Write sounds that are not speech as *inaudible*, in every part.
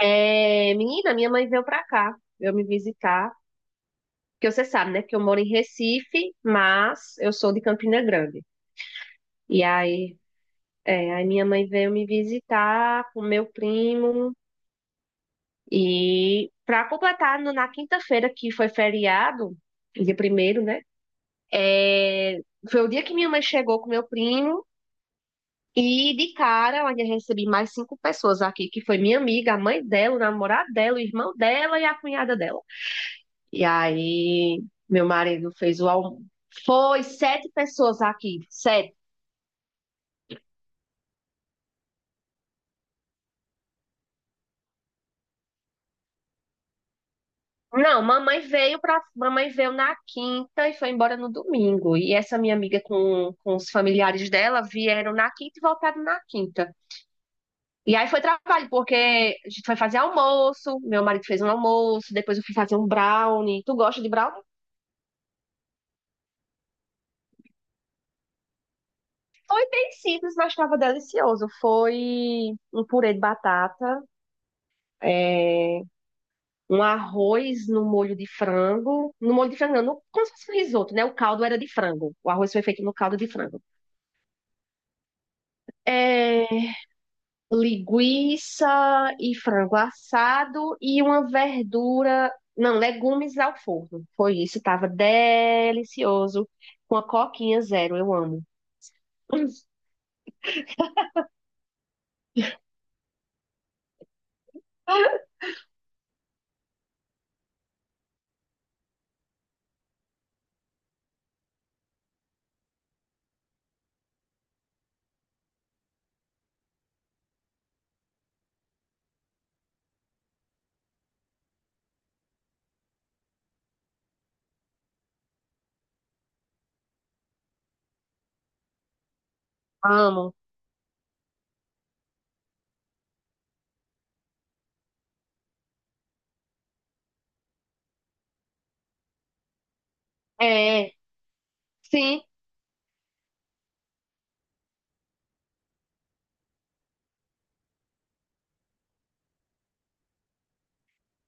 É, menina, minha mãe veio pra cá, veio me visitar, porque você sabe, né, que eu moro em Recife, mas eu sou de Campina Grande. E aí, aí minha mãe veio me visitar com meu primo e pra completar na quinta-feira que foi feriado, dia primeiro, né? é, Foi o dia que minha mãe chegou com meu primo e de cara eu ainda recebi mais cinco pessoas aqui, que foi minha amiga, a mãe dela, o namorado dela, o irmão dela e a cunhada dela. E aí, meu marido fez o almoço. Foi sete pessoas aqui, sete. Não, mamãe veio na quinta e foi embora no domingo. E essa minha amiga com os familiares dela vieram na quinta e voltaram na quinta. E aí foi trabalho, porque a gente foi fazer almoço, meu marido fez um almoço, depois eu fui fazer um brownie. Tu gosta de brownie? Foi bem simples, mas estava delicioso. Foi um purê de batata, é, um arroz no molho de frango. No molho de frango, não, como se fosse um risoto, né? O caldo era de frango. O arroz foi feito no caldo de frango. É, Linguiça e frango assado e uma verdura. Não, legumes ao forno. Foi isso, tava delicioso. Com a coquinha zero, eu amo. *clears throat* Hum, Amo. É, sim,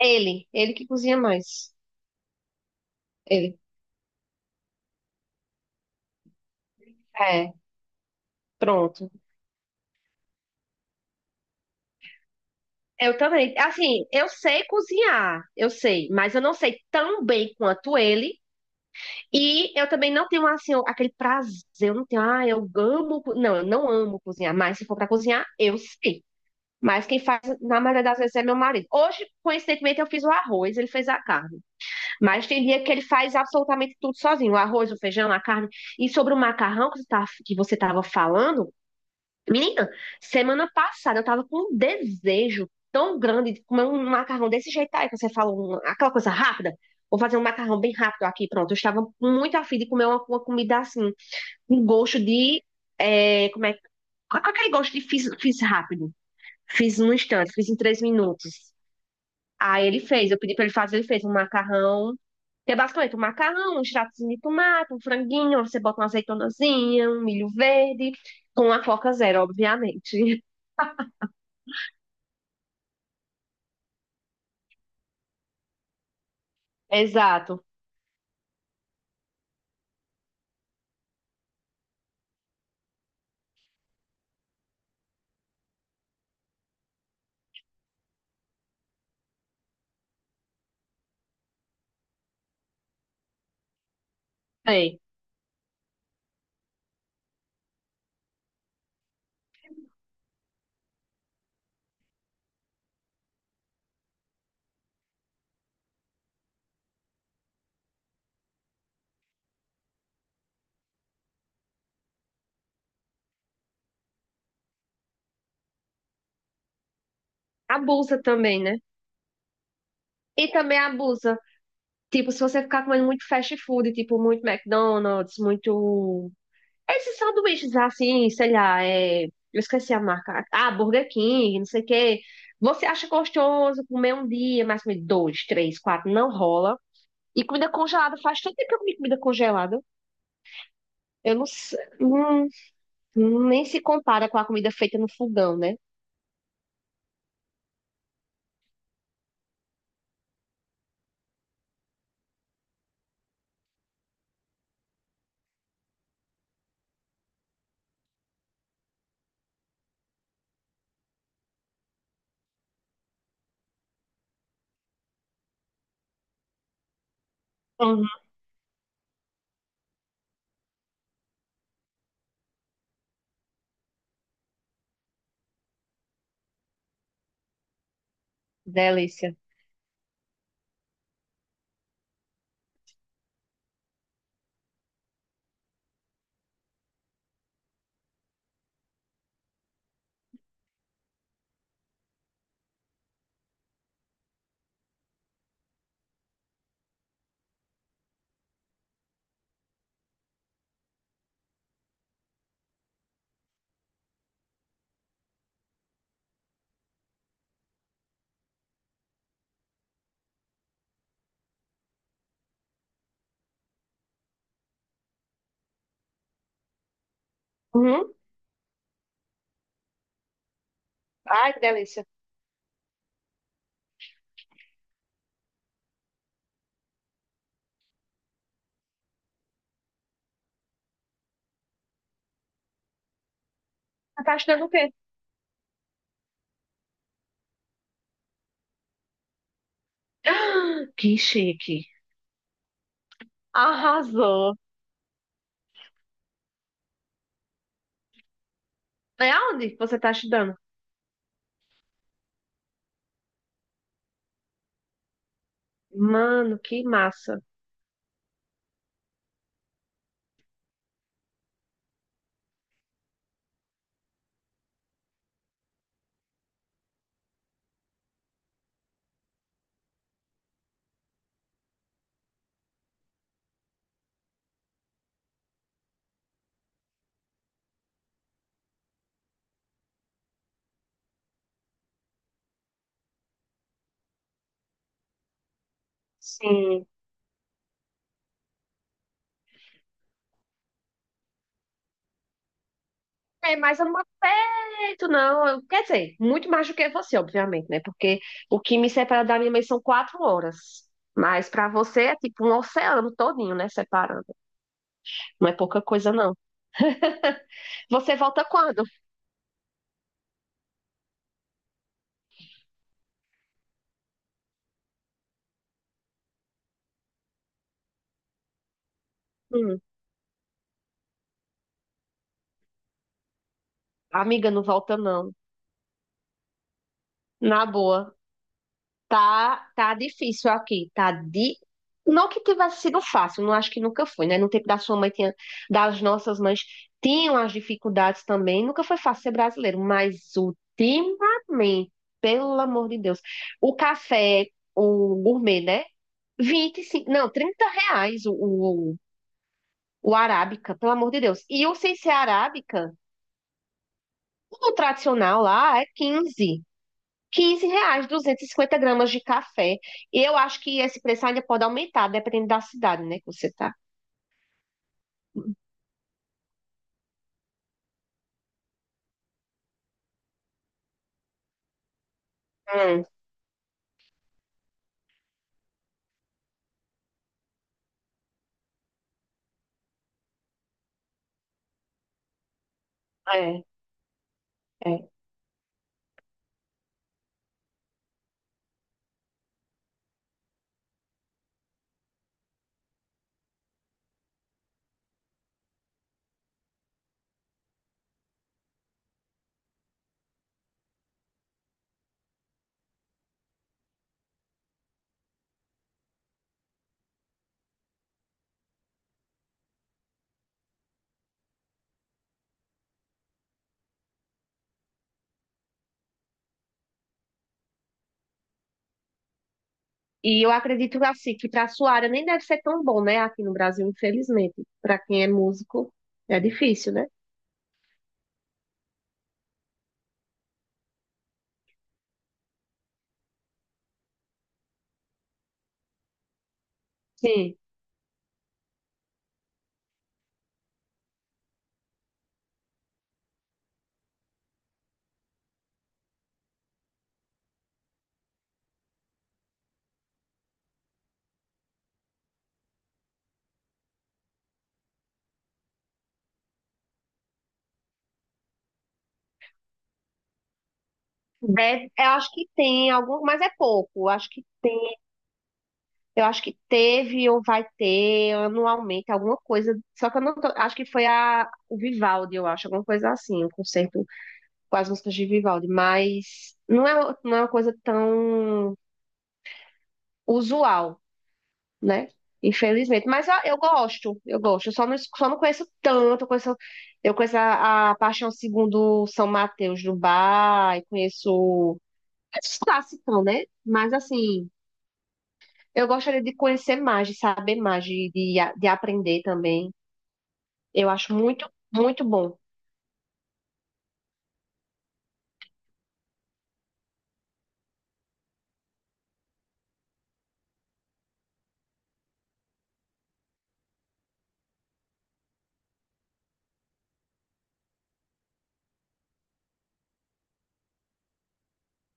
ele. Ele que cozinha mais. Ele. É, pronto. Eu também. Assim, eu sei cozinhar, eu sei, mas eu não sei tão bem quanto ele. E eu também não tenho, assim, aquele prazer. Eu não tenho, eu amo. Não, eu não amo cozinhar, mas se for pra cozinhar, eu sei. Mas quem faz, na maioria das vezes, é meu marido. Hoje, coincidentemente, eu fiz o arroz, ele fez a carne. Mas tem dia que ele faz absolutamente tudo sozinho: o arroz, o feijão, a carne. E sobre o macarrão que que você estava falando. Menina, semana passada eu tava com um desejo tão grande de comer um macarrão desse jeito aí que você fala aquela coisa rápida. Vou fazer um macarrão bem rápido aqui, pronto. Eu estava muito afim de comer uma comida assim, com gosto de. Como é? Com aquele gosto de fiz, fiz rápido. Fiz num instante, fiz em 3 minutos. Aí ele fez, eu pedi pra ele fazer, ele fez um macarrão. Que é basicamente um macarrão, um extratozinho de tomate, um franguinho, você bota uma azeitonazinha, um milho verde, com a Coca Zero, obviamente. Exato. É. Abusa também, né? E também abusa. Tipo, se você ficar comendo muito fast food, tipo, muito McDonald's, muito. Esses sanduíches assim, sei lá, eu esqueci a marca. Ah, Burger King, não sei o quê. Você acha gostoso comer um dia, mas comer dois, três, quatro, não rola. E comida congelada, faz tanto tempo que eu comi comida congelada. Eu não sei. Nem se compara com a comida feita no fogão, né? Uhum. Delícia. Uhum. Ai, que delícia. Você tá achando o quê? *gasps* Ah, que chique. Arrasou. É aonde você tá estudando? Mano, que massa. Sim. É, mas eu não moro perto, não. Quer dizer, muito mais do que você, obviamente, né? Porque o que me separa da minha mãe são 4 horas. Mas pra você é tipo um oceano todinho, né? Separando. Não é pouca coisa, não. Você volta quando? Hum, amiga, não volta, não. Na boa. Tá difícil aqui, tá de. Não que tivesse sido fácil, não acho que nunca foi, né? No tempo da sua mãe tinha, das nossas mães tinham as dificuldades também, nunca foi fácil ser brasileiro, mas ultimamente, pelo amor de Deus, o café, o gourmet, né? 25 não, R$ 30 o arábica, pelo amor de Deus. E o sem ser arábica, o tradicional lá é 15 R$ 15, 250 gramas de café. E eu acho que esse preço ainda pode aumentar, dependendo da cidade, né, que você tá. Hum, é, é. E eu acredito assim, que para sua área nem deve ser tão bom, né, aqui no Brasil, infelizmente. Para quem é músico, é difícil, né? Sim. Deve, eu acho que tem algum, mas é pouco. Eu acho que teve ou vai ter anualmente alguma coisa. Só que eu não tô, acho que foi o Vivaldi, eu acho, alguma coisa assim, um concerto com as músicas de Vivaldi, mas não é, não é uma coisa tão usual, né? Infelizmente. Mas eu gosto, eu gosto. Eu só não, só não conheço tanto. Eu conheço a Paixão Segundo São Mateus do Bar, e conheço esses clássicos, né? Mas assim, eu gostaria de conhecer mais, de saber mais, de aprender também. Eu acho muito, muito bom.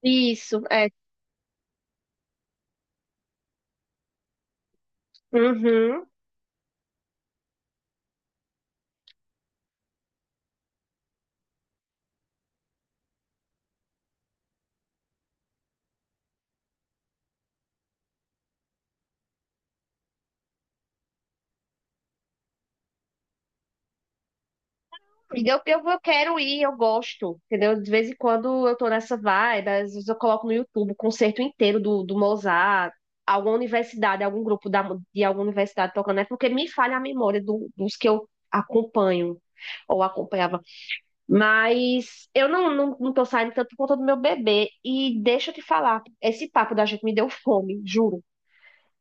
Isso, é. Uhum. Eu quero ir, eu gosto, entendeu? De vez em quando eu tô nessa vibe, às vezes eu coloco no YouTube o concerto inteiro do Mozart, alguma universidade, algum grupo de alguma universidade tocando, é porque me falha a memória dos que eu acompanho ou acompanhava. Mas eu não tô saindo tanto por conta do meu bebê. E deixa eu te falar, esse papo da gente me deu fome, juro.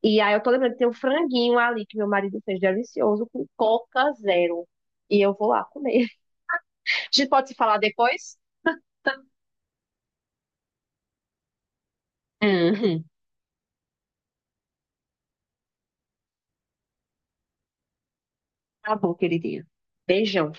E aí eu tô lembrando que tem um franguinho ali que meu marido fez delicioso com Coca Zero. E eu vou lá comer. A gente pode se falar depois? Uhum. Tá bom, queridinha. Beijão.